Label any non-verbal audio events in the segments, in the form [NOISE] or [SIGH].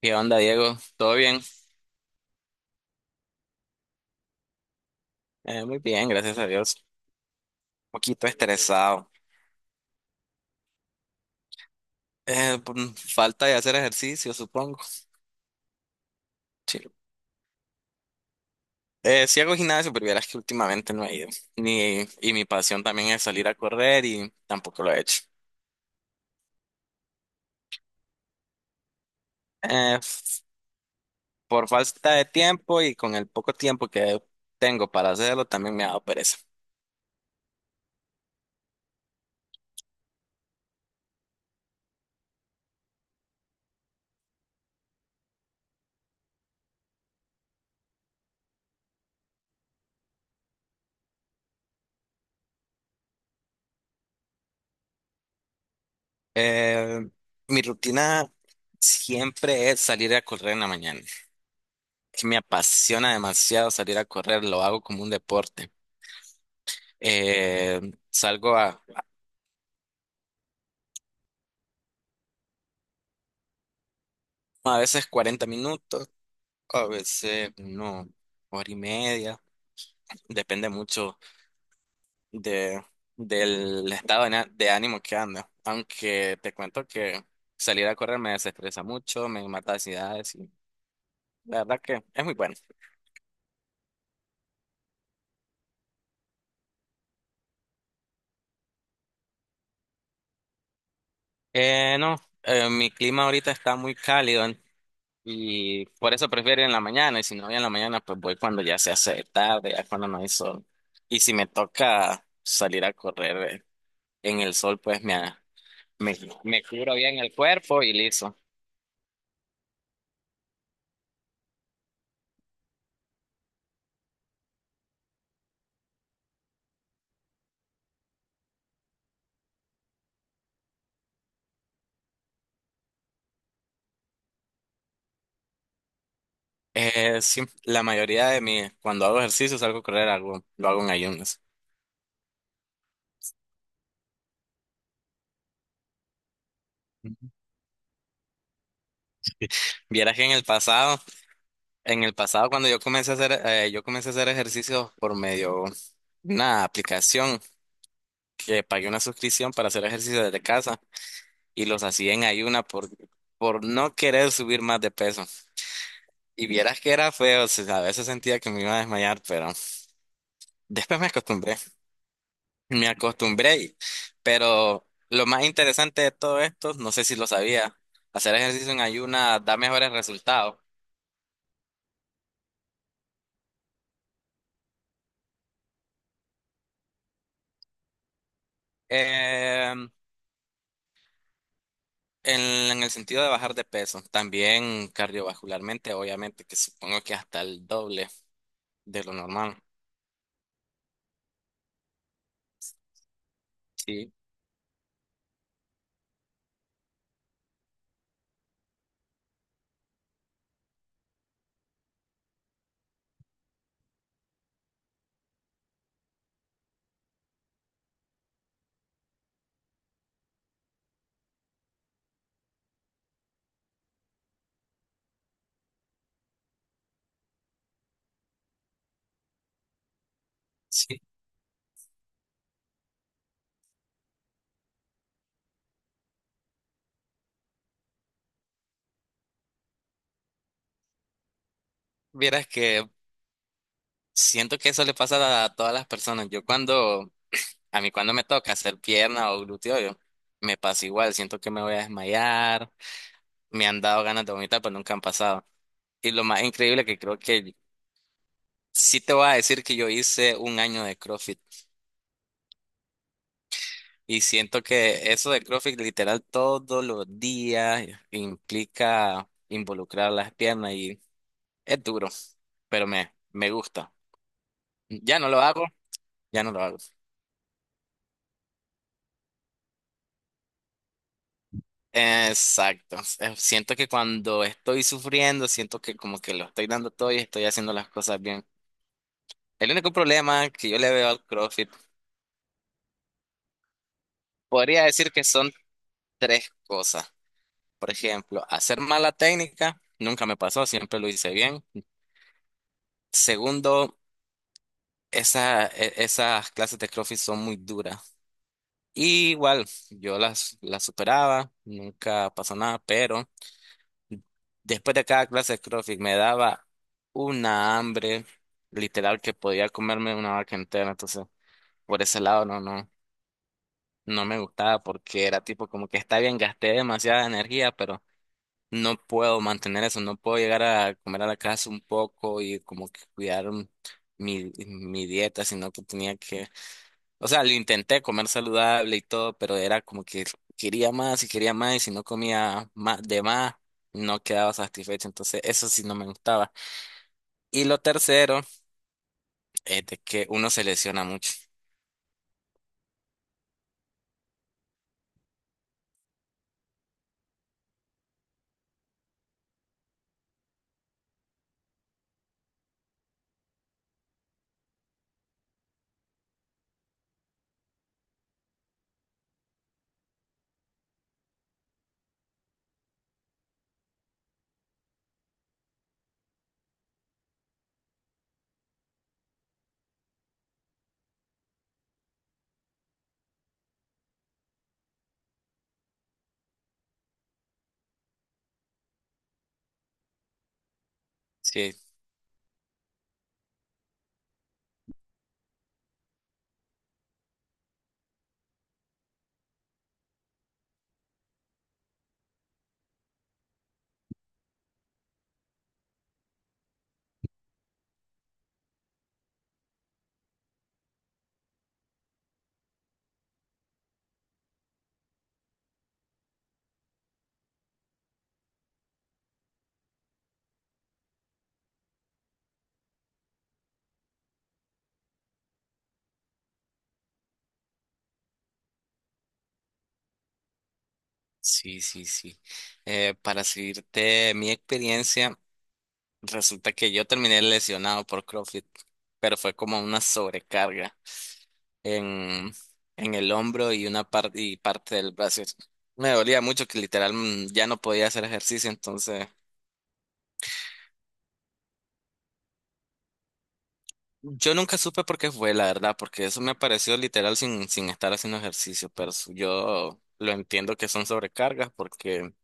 ¿Qué onda, Diego? ¿Todo bien? Muy bien, gracias a Dios. Un poquito estresado. Por falta de hacer ejercicio, supongo. Sí. Sí hago gimnasio, pero vieras que últimamente no he ido. Ni, y mi pasión también es salir a correr y tampoco lo he hecho. Eh, f- por falta de tiempo y con el poco tiempo que tengo para hacerlo, también me ha dado pereza. Eh, Mi rutina siempre es salir a correr en la mañana. Que me apasiona demasiado salir a correr, lo hago como un deporte. Eh, salgo a, a veces 40 minutos, a veces no, hora y media. Depende mucho de, del estado de ánimo que anda. Aunque te cuento que salir a correr me desestresa mucho, me mata ansiedades y la verdad que es muy bueno. No, mi clima ahorita está muy cálido y por eso prefiero ir en la mañana y si no voy en la mañana pues voy cuando ya se hace tarde, ya cuando no hay sol. Y si me toca salir a correr, en el sol, pues me, me cubro bien el cuerpo y listo. Sí, la mayoría de mi, cuando hago ejercicio, salgo a correr, algo, lo hago en ayunas. Vieras que en el pasado cuando yo comencé a hacer, yo comencé a hacer ejercicio por medio de una aplicación que pagué una suscripción para hacer ejercicio desde casa y los hacía en ayuna por no querer subir más de peso. Y vieras que era feo, o sea, a veces sentía que me iba a desmayar, pero después me acostumbré. Me acostumbré, pero lo más interesante de todo esto, no sé si lo sabía, hacer ejercicio en ayuna da mejores resultados. Eh, en, en el sentido de bajar de peso, también cardiovascularmente, obviamente, que supongo que hasta el doble de lo normal. Sí, sí. Vieras que siento que eso le pasa a todas las personas. A mí cuando me toca hacer pierna o glúteo, yo me pasa igual, siento que me voy a desmayar, me han dado ganas de vomitar, pero nunca han pasado. Y lo más increíble que creo que sí te voy a decir que yo hice un año de CrossFit y siento que eso de CrossFit literal todos los días implica involucrar las piernas y es duro, pero me gusta. Ya no lo hago, ya no lo hago. Exacto. Siento que cuando estoy sufriendo, siento que como que lo estoy dando todo y estoy haciendo las cosas bien. El único problema que yo le veo al CrossFit, podría decir que son tres cosas. Por ejemplo, hacer mala técnica nunca me pasó, siempre lo hice bien. Segundo, esas clases de CrossFit son muy duras. Y igual, yo las superaba, nunca pasó nada, pero después de cada clase de CrossFit me daba una hambre literal que podía comerme una vaca entera. Entonces, por ese lado no me gustaba porque era tipo como que está bien, gasté demasiada energía, pero no puedo mantener eso, no puedo llegar a comer a la casa un poco y como que cuidar mi dieta, sino que tenía que, o sea, lo intenté comer saludable y todo, pero era como que quería más y si no comía más de más, no quedaba satisfecho, entonces eso sí no me gustaba. Y lo tercero es de que uno se lesiona mucho. Sí, sí, sí, sí. Para seguirte mi experiencia. Resulta que yo terminé lesionado por CrossFit, pero fue como una sobrecarga en, en el hombro y una parte y parte del brazo. Me dolía mucho que literal ya no podía hacer ejercicio, entonces yo nunca supe por qué fue, la verdad, porque eso me apareció literal sin estar haciendo ejercicio, pero yo lo entiendo que son sobrecargas porque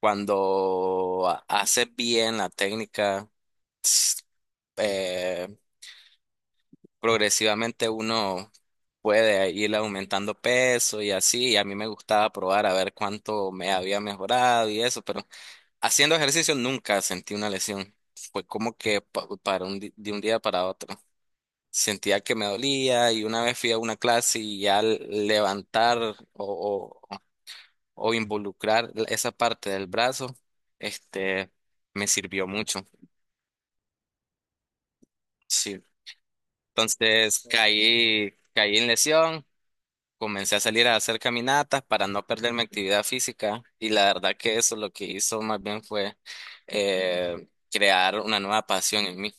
cuando haces bien la técnica, progresivamente uno puede ir aumentando peso y así, y a mí me gustaba probar a ver cuánto me había mejorado y eso, pero haciendo ejercicio nunca sentí una lesión. Fue como que de un día para otro. Sentía que me dolía y una vez fui a una clase y al levantar o involucrar esa parte del brazo, este, me sirvió mucho. Sí. Entonces caí, caí en lesión. Comencé a salir a hacer caminatas para no perder mi actividad física y la verdad que eso lo que hizo más bien fue crear una nueva pasión en mí.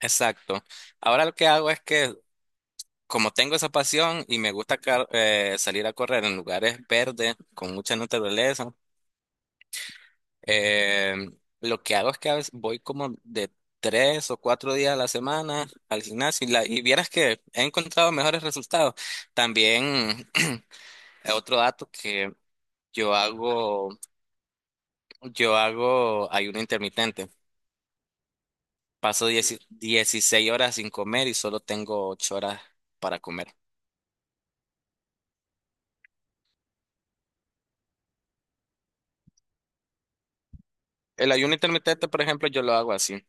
Exacto. Ahora lo que hago es que como tengo esa pasión y me gusta salir a correr en lugares verdes con mucha naturaleza, eh, lo que hago es que a veces voy como de 3 o 4 días a la semana al gimnasio y vieras que he encontrado mejores resultados. También. [CLEARS THROAT] Otro dato que Yo hago, yo hago ayuno intermitente. Paso 16 horas sin comer y solo tengo 8 horas para comer. El ayuno intermitente, por ejemplo, yo lo hago así.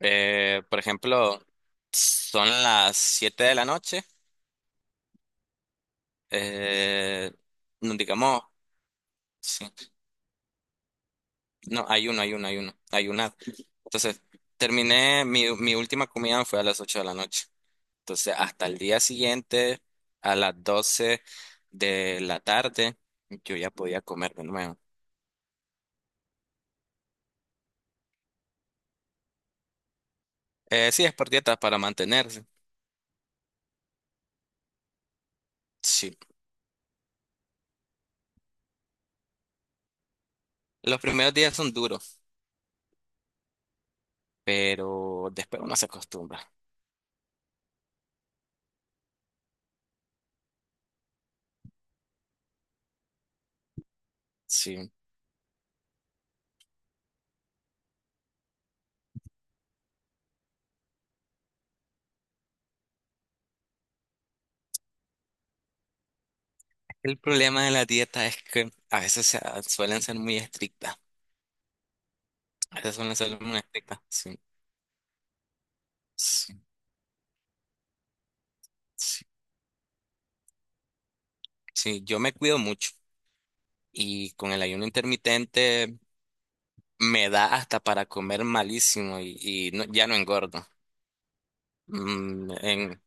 Por ejemplo, son las 7 de la noche. Eh, no, digamos, sí. No, ayuno, ayuno, ayuno, ayunar. Entonces, terminé, mi última comida fue a las 8 de la noche. Entonces, hasta el día siguiente, a las 12 de la tarde, yo ya podía comer de nuevo. Sí, es por dietas para mantenerse. Sí. Los primeros días son duros, pero después uno se acostumbra. Sí. El problema de la dieta es que a veces suelen ser muy estrictas. A veces suelen ser muy estrictas. Sí. Sí. Sí. Sí, yo me cuido mucho y con el ayuno intermitente me da hasta para comer malísimo ya no engordo. Mm, en,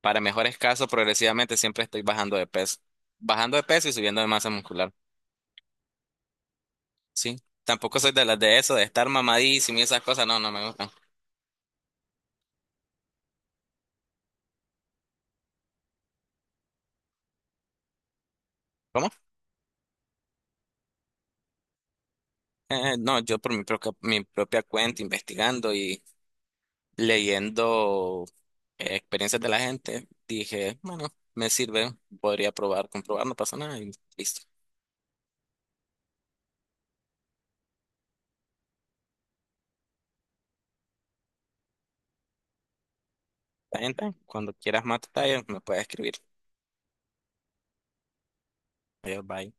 para mejores casos, progresivamente siempre estoy bajando de peso. Bajando de peso y subiendo de masa muscular. Sí. Tampoco soy de las de eso, de estar mamadísimo y esas cosas. No, no me gustan. ¿Cómo? No, yo por mi propia cuenta, investigando y leyendo experiencias de la gente, dije, bueno, me sirve, podría probar, comprobar, no pasa nada y listo. La gente, cuando quieras más detalles, me puedes escribir. Adiós, bye.